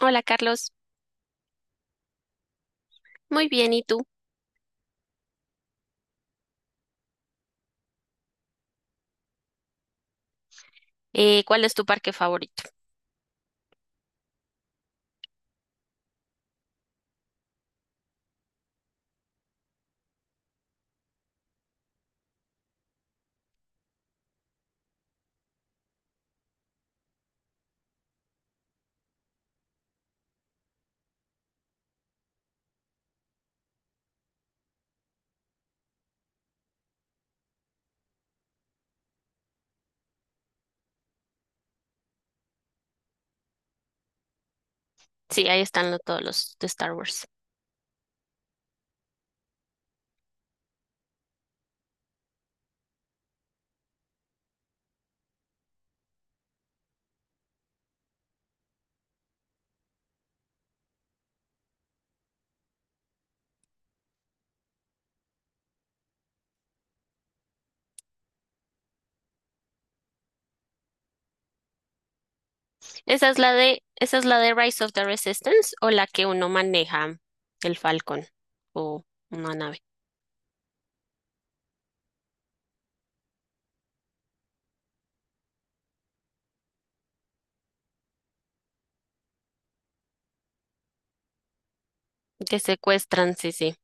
Hola, Carlos. Muy bien, ¿y tú? ¿Cuál es tu parque favorito? Sí, ahí están todos los de Star Wars. ¿Esa es esa es la de Rise of the Resistance, o la que uno maneja el Falcon o una nave que secuestran? Sí, sí.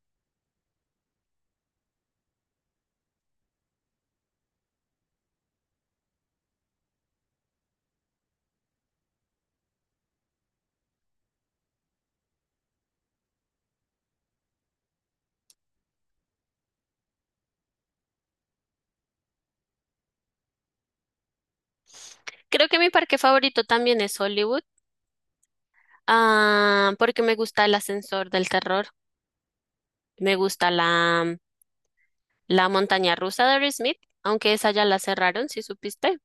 Creo que mi parque favorito también es Hollywood. Ah, porque me gusta el ascensor del terror. Me gusta la montaña rusa de Aerosmith, aunque esa ya la cerraron, si supiste.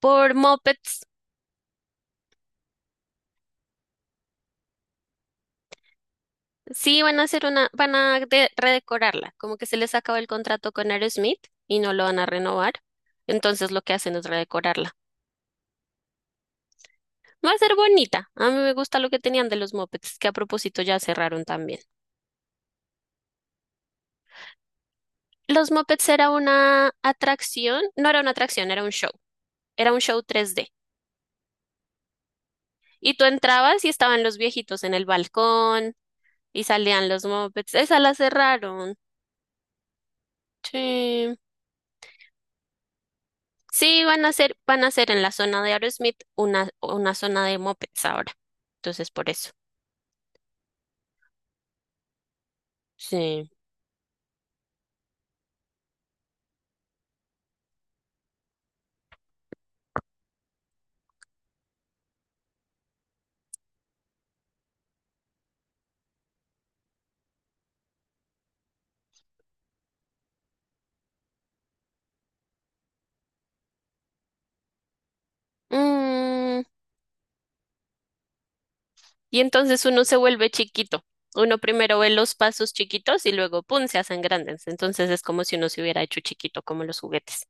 Por Mopeds, sí van a hacer una, van a redecorarla. Como que se les acabó el contrato con Aerosmith y no lo van a renovar. Entonces lo que hacen es redecorarla. Va a ser bonita. A mí me gusta lo que tenían de los Mopeds, que a propósito ya cerraron también. Los Mopeds era una atracción, no era una atracción, era un show. Era un show 3D. Y tú entrabas y estaban los viejitos en el balcón y salían los mopeds. Esa la cerraron. Sí. Sí, van a ser en la zona de Aerosmith una zona de mopeds ahora. Entonces, por eso. Sí. Mm, y entonces uno se vuelve chiquito. Uno primero ve los pasos chiquitos y luego, ¡pum!, se hacen grandes. Entonces es como si uno se hubiera hecho chiquito, como los juguetes.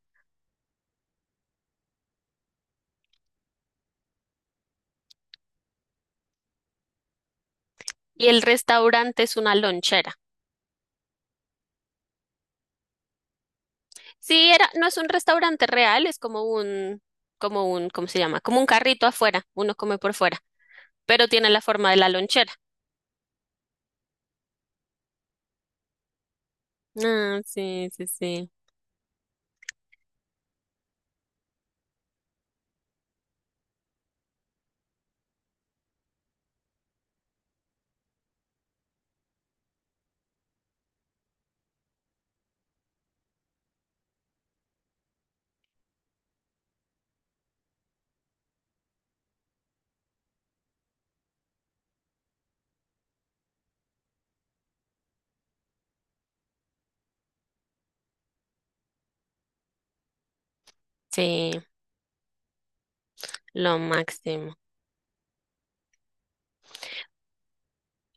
Y el restaurante es una lonchera. Sí, era, no es un restaurante real, es como como un, ¿cómo se llama? Como un carrito afuera, uno come por fuera, pero tiene la forma de la lonchera. Ah, sí, sí, sí. Sí, lo máximo.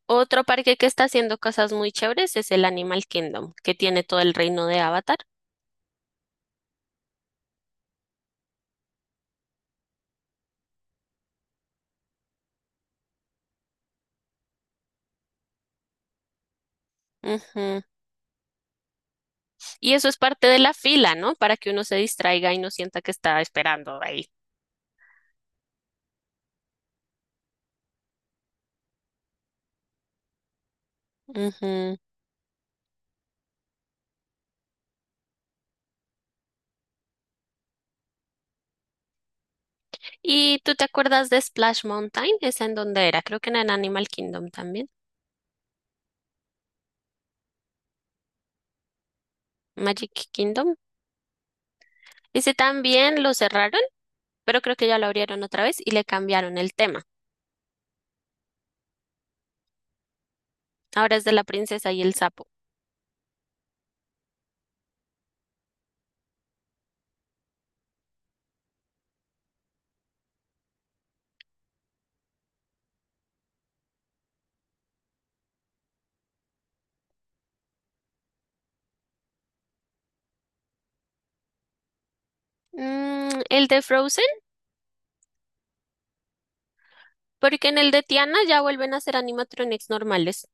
Otro parque que está haciendo cosas muy chéveres es el Animal Kingdom, que tiene todo el reino de Avatar. Ujú. Y eso es parte de la fila, ¿no? Para que uno se distraiga y no sienta que está esperando ahí. Ujú. ¿Y tú te acuerdas de Splash Mountain? ¿Es en dónde era? Creo que en el Animal Kingdom también. Magic Kingdom. Ese también lo cerraron, pero creo que ya lo abrieron otra vez y le cambiaron el tema. Ahora es de la princesa y el sapo. Mm, el de Frozen, porque en el de Tiana ya vuelven a ser animatronics normales.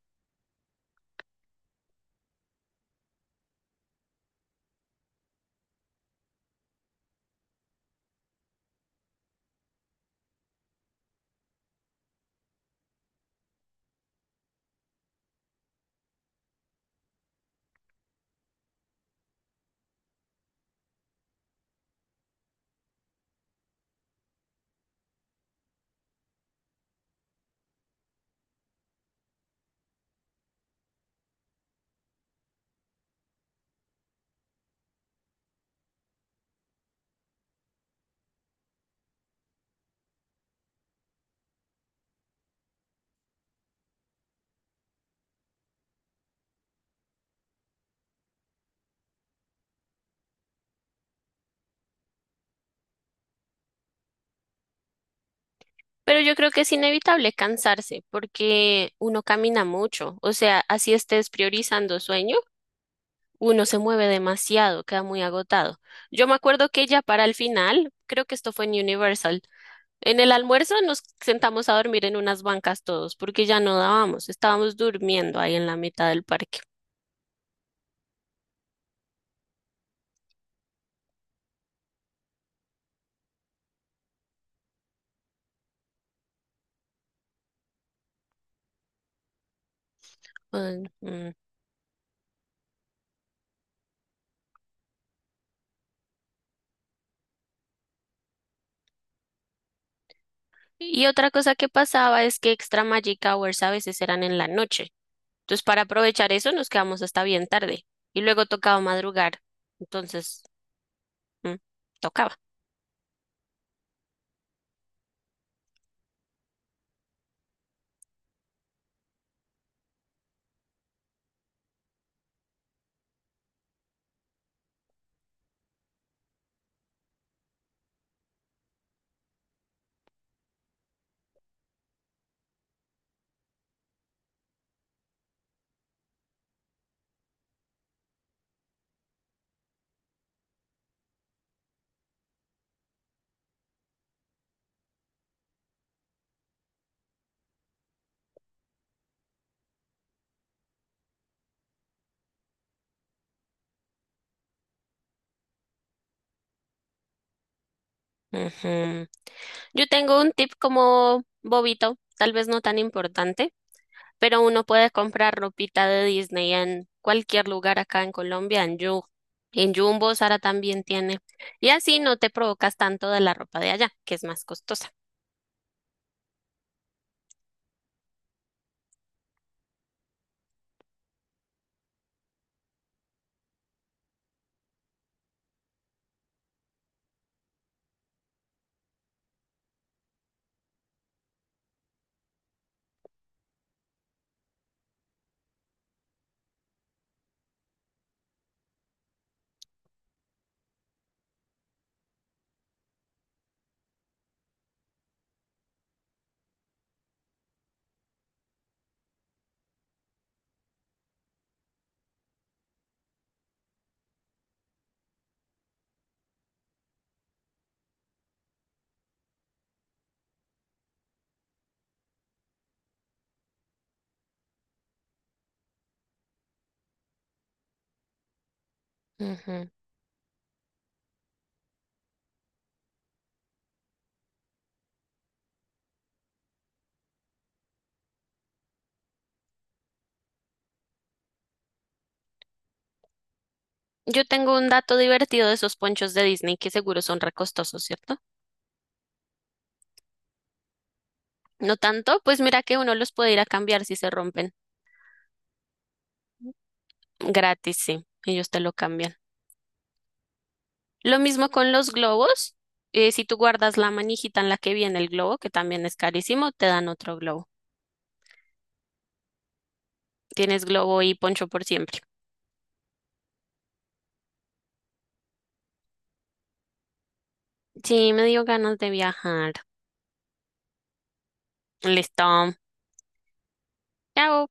Pero yo creo que es inevitable cansarse porque uno camina mucho. O sea, así estés priorizando sueño, uno se mueve demasiado, queda muy agotado. Yo me acuerdo que ya para el final, creo que esto fue en Universal. En el almuerzo nos sentamos a dormir en unas bancas todos, porque ya no dábamos, estábamos durmiendo ahí en la mitad del parque. Ay, mm. Y otra cosa que pasaba es que Extra Magic Hours a veces eran en la noche. Entonces, para aprovechar eso, nos quedamos hasta bien tarde. Y luego tocaba madrugar. Entonces, mm, tocaba. Ujú. Yo tengo un tip como bobito, tal vez no tan importante, pero uno puede comprar ropita de Disney en cualquier lugar acá en Colombia, en Yu, en Jumbo, Sara también tiene. Y así no te provocas tanto de la ropa de allá, que es más costosa. Ujú. Yo tengo un dato divertido de esos ponchos de Disney, que seguro son recostosos, ¿cierto? No tanto, pues mira que uno los puede ir a cambiar si se rompen. Gratis, sí, ellos te lo cambian. Lo mismo con los globos. Si tú guardas la manijita en la que viene el globo, que también es carísimo, te dan otro globo. Tienes globo y poncho por siempre. Sí, me dio ganas de viajar. Listo. Chao.